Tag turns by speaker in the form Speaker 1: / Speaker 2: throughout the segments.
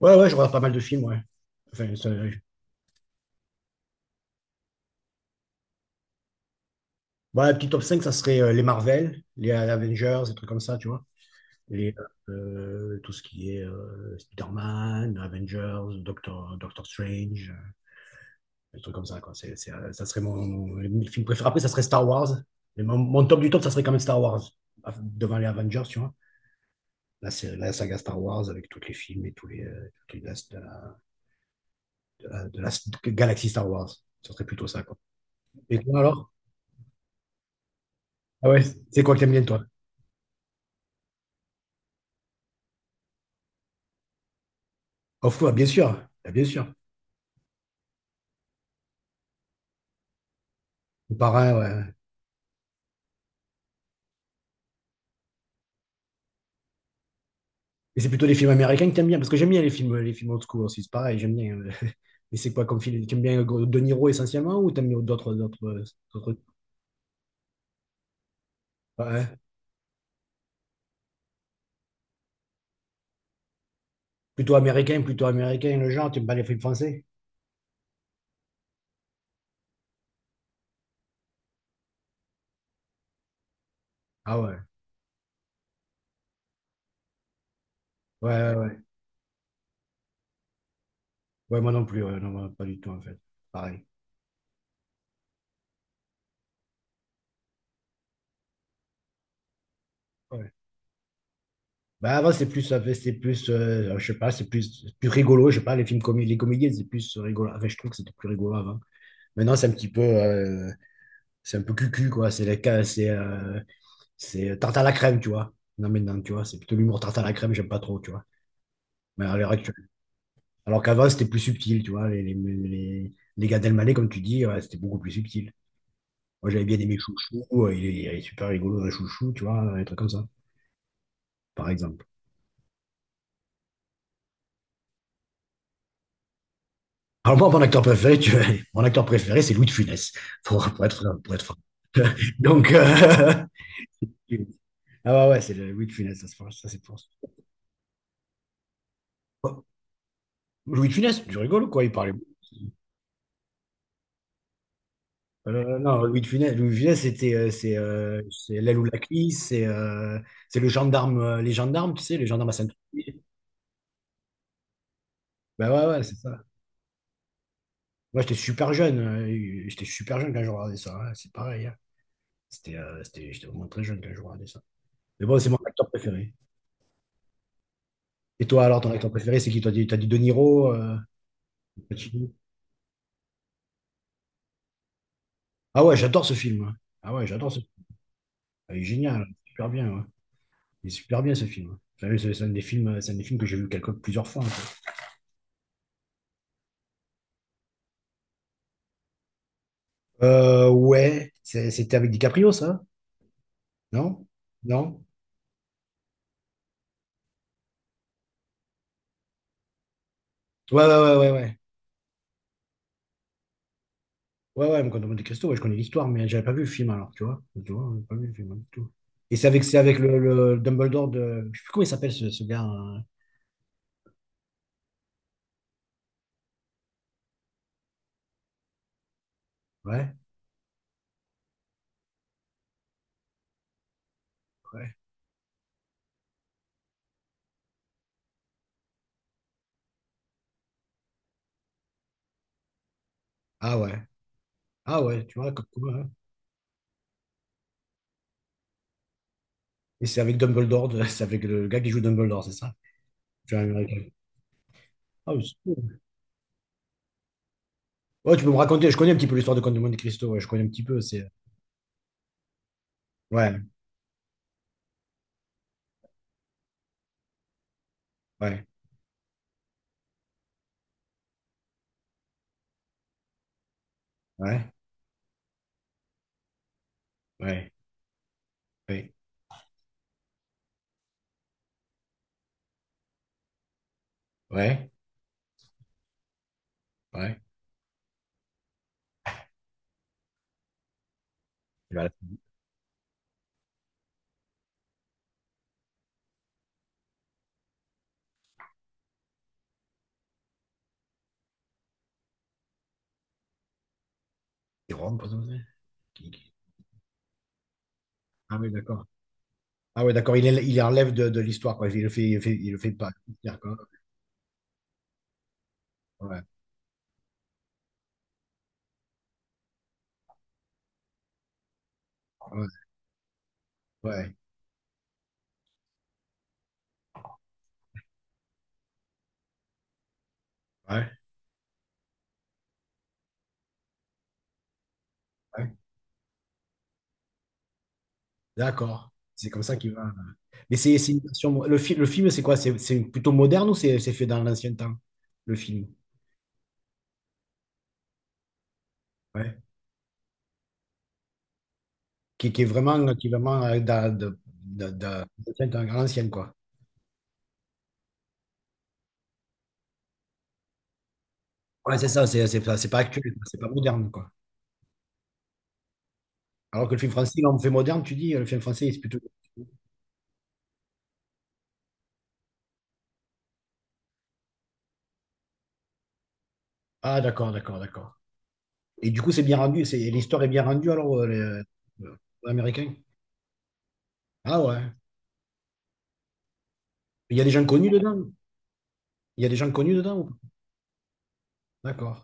Speaker 1: Ouais, ouais, je regarde pas mal de films, ouais. Enfin, bon, la petite top 5 ça serait les Marvel, les Avengers, des trucs comme ça, tu vois. Les, tout ce qui est Spider-Man, Avengers, Doctor Strange, des trucs comme ça, quoi. Ça serait mon film préféré. Après, ça serait Star Wars. Mais mon top du top, ça serait quand même Star Wars, devant les Avengers, tu vois. Là, c'est la saga Star Wars avec tous les films et tous les, toutes les- de la galaxie Star Wars. Ça serait plutôt ça, quoi. Et toi, alors? Ah ouais, c'est quoi que t'aimes bien, toi? Off, ouais, bien sûr, ah, bien sûr. C'est pareil, ouais. Mais c'est plutôt les films américains que t'aimes bien, parce que j'aime bien les films old school aussi, c'est pareil, j'aime bien. Mais c'est quoi comme film? T'aimes bien De Niro essentiellement ou t'aimes bien d'autres. Ouais. Hein? Plutôt américain, le genre, t'aimes pas les films français? Ah ouais, ouais, ouais. Ouais, ouais, moi non plus, ouais, non, moi, pas du tout en fait. Pareil. Ouais. Bah avant c'est plus, c'est plus, je sais pas, c'est plus rigolo, je sais pas, les comédies, c'est plus rigolo. Enfin, je trouve que c'était plus rigolo avant. Maintenant c'est un petit peu, c'est un peu cucu, quoi. C'est les cas, c'est tarte à la crème, tu vois. Non, mais non, tu vois, c'est plutôt l'humour tarte à la crème, j'aime pas trop, tu vois. Mais à l'heure actuelle. Alors qu'avant, c'était plus subtil, tu vois. Les Gad Elmaleh, comme tu dis, ouais, c'était beaucoup plus subtil. Moi, j'avais bien aimé Chouchou, ouais, il est super rigolo, un Chouchou, tu vois, un truc comme ça, par exemple. Alors moi, mon acteur préféré, tu vois, mon acteur préféré, c'est Louis de Funès, pour être franc, pour être franc. Donc, ah ouais, ouais, c'est le Louis de Funès, ça, c'est pour ça, c'est pour ça. Oh, Louis de Funès, tu rigoles, quoi, il parlait. Non, Louis de Funès, c'est l'aile ou la cuisse, c'est le gendarme, les gendarmes, tu sais, les gendarmes à Saint-Tropez. Ben ouais, ouais, c'est ça. Moi, j'étais super jeune quand je regardais ça, hein, c'est pareil, hein. J'étais vraiment très jeune quand je regardais ça. Mais bon, c'est mon acteur préféré. Et toi, alors, ton acteur préféré, c'est qui? T'as dit De Niro, Pacino. Ah ouais, j'adore ce film, hein. Ah ouais, j'adore ce film. Il est génial, super bien, ouais. Il est super bien ce film. Enfin, c'est un des films que j'ai vu plusieurs fois, hein. Ouais, c'était avec DiCaprio, ça? Non? Non? Ouais, ouais, ouais, ouais, ouais. Ouais, ouais, quand on Monte Cristo, ouais, je connais l'histoire, mais j'avais pas vu le film alors, tu vois. Tu vois, j'avais pas vu le film, hein, du tout. Et c'est avec le Dumbledore de. Je sais plus comment il s'appelle ce gars, hein. Ouais, ouais. Ah ouais. Ah ouais, tu vois, comme quoi, hein. Et c'est avec Dumbledore, c'est avec le gars qui joue Dumbledore, c'est ça? Tu vois, américain. Ah, mais c'est cool. Ouais, tu peux me raconter, je connais un petit peu l'histoire de Comte de Monte Cristo, ouais, je connais un petit peu, c'est. Ouais, ouais, ouais, ouais, ouais, ouais, ouais. Il rentre pas comme ça. Qui- qui- Ah oui, d'accord. Ah ouais, d'accord, il enlève de l'histoire, quoi. Il le fait, il le fait, il le fait pas. D'accord. Ouais, ouais, ouais, ouais, ouais. D'accord. C'est comme ça qu'il va. Mais c'est une version- Le, fi- le film, c'est quoi? C'est plutôt moderne ou c'est fait dans l'ancien temps, le film? Ouais. Qui est vraiment dans, de- l'ancien temps, à l'ancienne, quoi. Ouais, c'est ça, c'est pas, c'est pas actuel, c'est pas moderne, quoi. Alors que le film français, là, on fait moderne, tu dis, le film français, c'est plutôt. Ah, d'accord, d'accord, d'accord. Et du coup, c'est bien rendu, l'histoire est bien rendue alors, les Américains. Ah ouais. Il y a des gens connus dedans. Il y a des gens connus dedans ou pas? D'accord.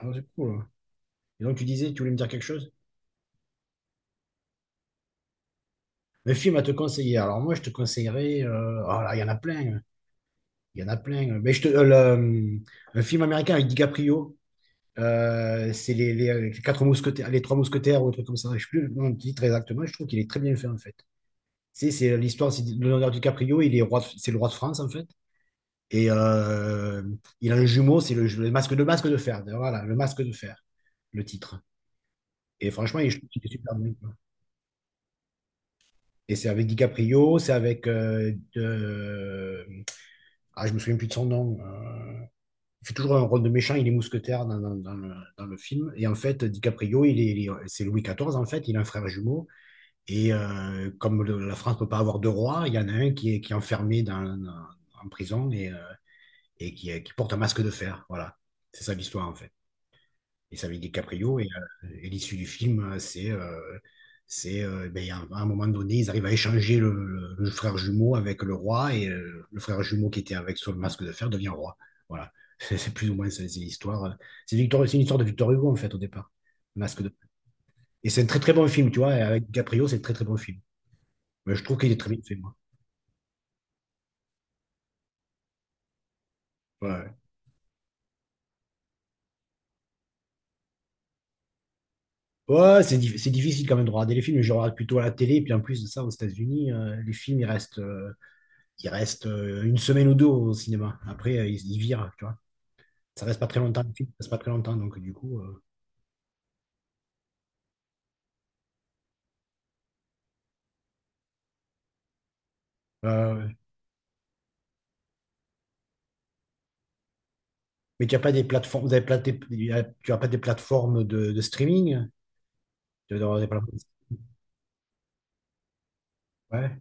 Speaker 1: Ah, c'est cool, hein. Et donc, tu disais, tu voulais me dire quelque chose? Le film à te conseiller. Alors, moi, je te conseillerais, oh là, il y en a plein, hein. Il y en a plein. Mais un film américain avec DiCaprio. C'est les quatre mousquetaires, les trois mousquetaires ou un truc comme ça. Je sais plus le nom du titre exactement. Je trouve qu'il est très bien fait, en fait. C'est l'histoire, c'est Leonardo DiCaprio. Il est roi, c'est le roi de France, en fait. Et il a un jumeau, c'est le masque de fer. Voilà, le masque de fer, le titre. Et franchement, il je trouve qu'il est super bien, quoi. Et c'est avec DiCaprio. Ah, je me souviens plus de son nom. Il fait toujours un rôle de méchant, il est mousquetaire dans le film. Et en fait, DiCaprio, c'est Louis XIV, en fait, il a un frère jumeau. Et comme la France ne peut pas avoir deux rois, il y en a un qui est enfermé en prison et qui porte un masque de fer. Voilà, c'est ça l'histoire, en fait. Et c'est avec DiCaprio. Et l'issue du film, c'est ben, à un moment donné, ils arrivent à échanger le frère jumeau avec le roi. Et, le frère jumeau qui était avec sur le masque de fer devient roi. Voilà. C'est plus ou moins c'est l'histoire. C'est une histoire de Victor Hugo, en fait, au départ. Le masque de. Et c'est un très très bon film, tu vois. Et avec DiCaprio, c'est un très très bon film. Mais je trouve qu'il est très bien fait, moi. Ouais, ouais. Ouais, c'est difficile quand même de regarder les films. Mais je regarde plutôt à la télé. Et puis en plus de ça, aux États-Unis, les films, ils restent. Il reste une semaine ou deux au cinéma. Après, ils virent, tu vois. Ça reste pas très longtemps, le film, ça reste pas très longtemps, donc du coup. euh, mais tu as pas des plateformes, vous avez tu as pas des plateformes de streaming? Tu dois avoir des plateformes. Ouais.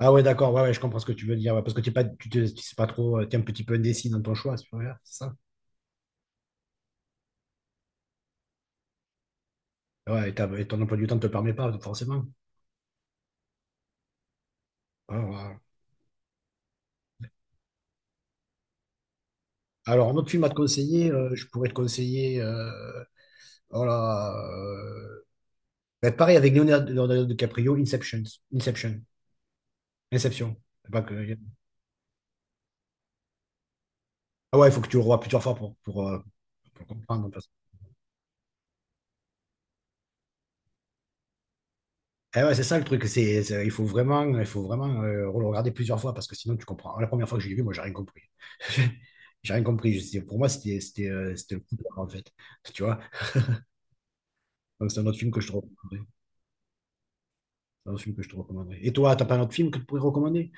Speaker 1: Ah ouais, d'accord, ouais, ouais, je comprends ce que tu veux dire, ouais, parce que t'es pas, tu sais pas trop, tu es un petit peu indécis dans ton choix, c'est pas vrai, c'est ça. Ouais, et ton emploi du temps ne te le permet pas, forcément. Ouais, ouais. Alors, un autre film à te conseiller, je pourrais te conseiller. Oh là. Mais pareil avec Leonardo DiCaprio, Inception. Inception. Inception. C'est pas que-. Ah ouais, il faut que tu le revoies plusieurs fois pour comprendre. Eh ouais, c'est ça le truc. Il faut vraiment le regarder plusieurs fois parce que sinon tu comprends. La première fois que je l'ai vu, moi, j'ai rien compris. J'ai rien compris. Pour moi, c'était le coup de barre, en fait. Tu vois? Donc, c'est un autre film que je te recommanderais. C'est un autre film que je te recommanderais. Et toi, t'as pas un autre film que tu pourrais recommander?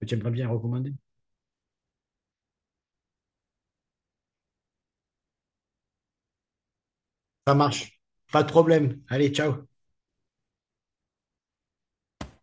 Speaker 1: Que tu aimerais bien recommander? Ça marche. Pas de problème. Allez, ciao.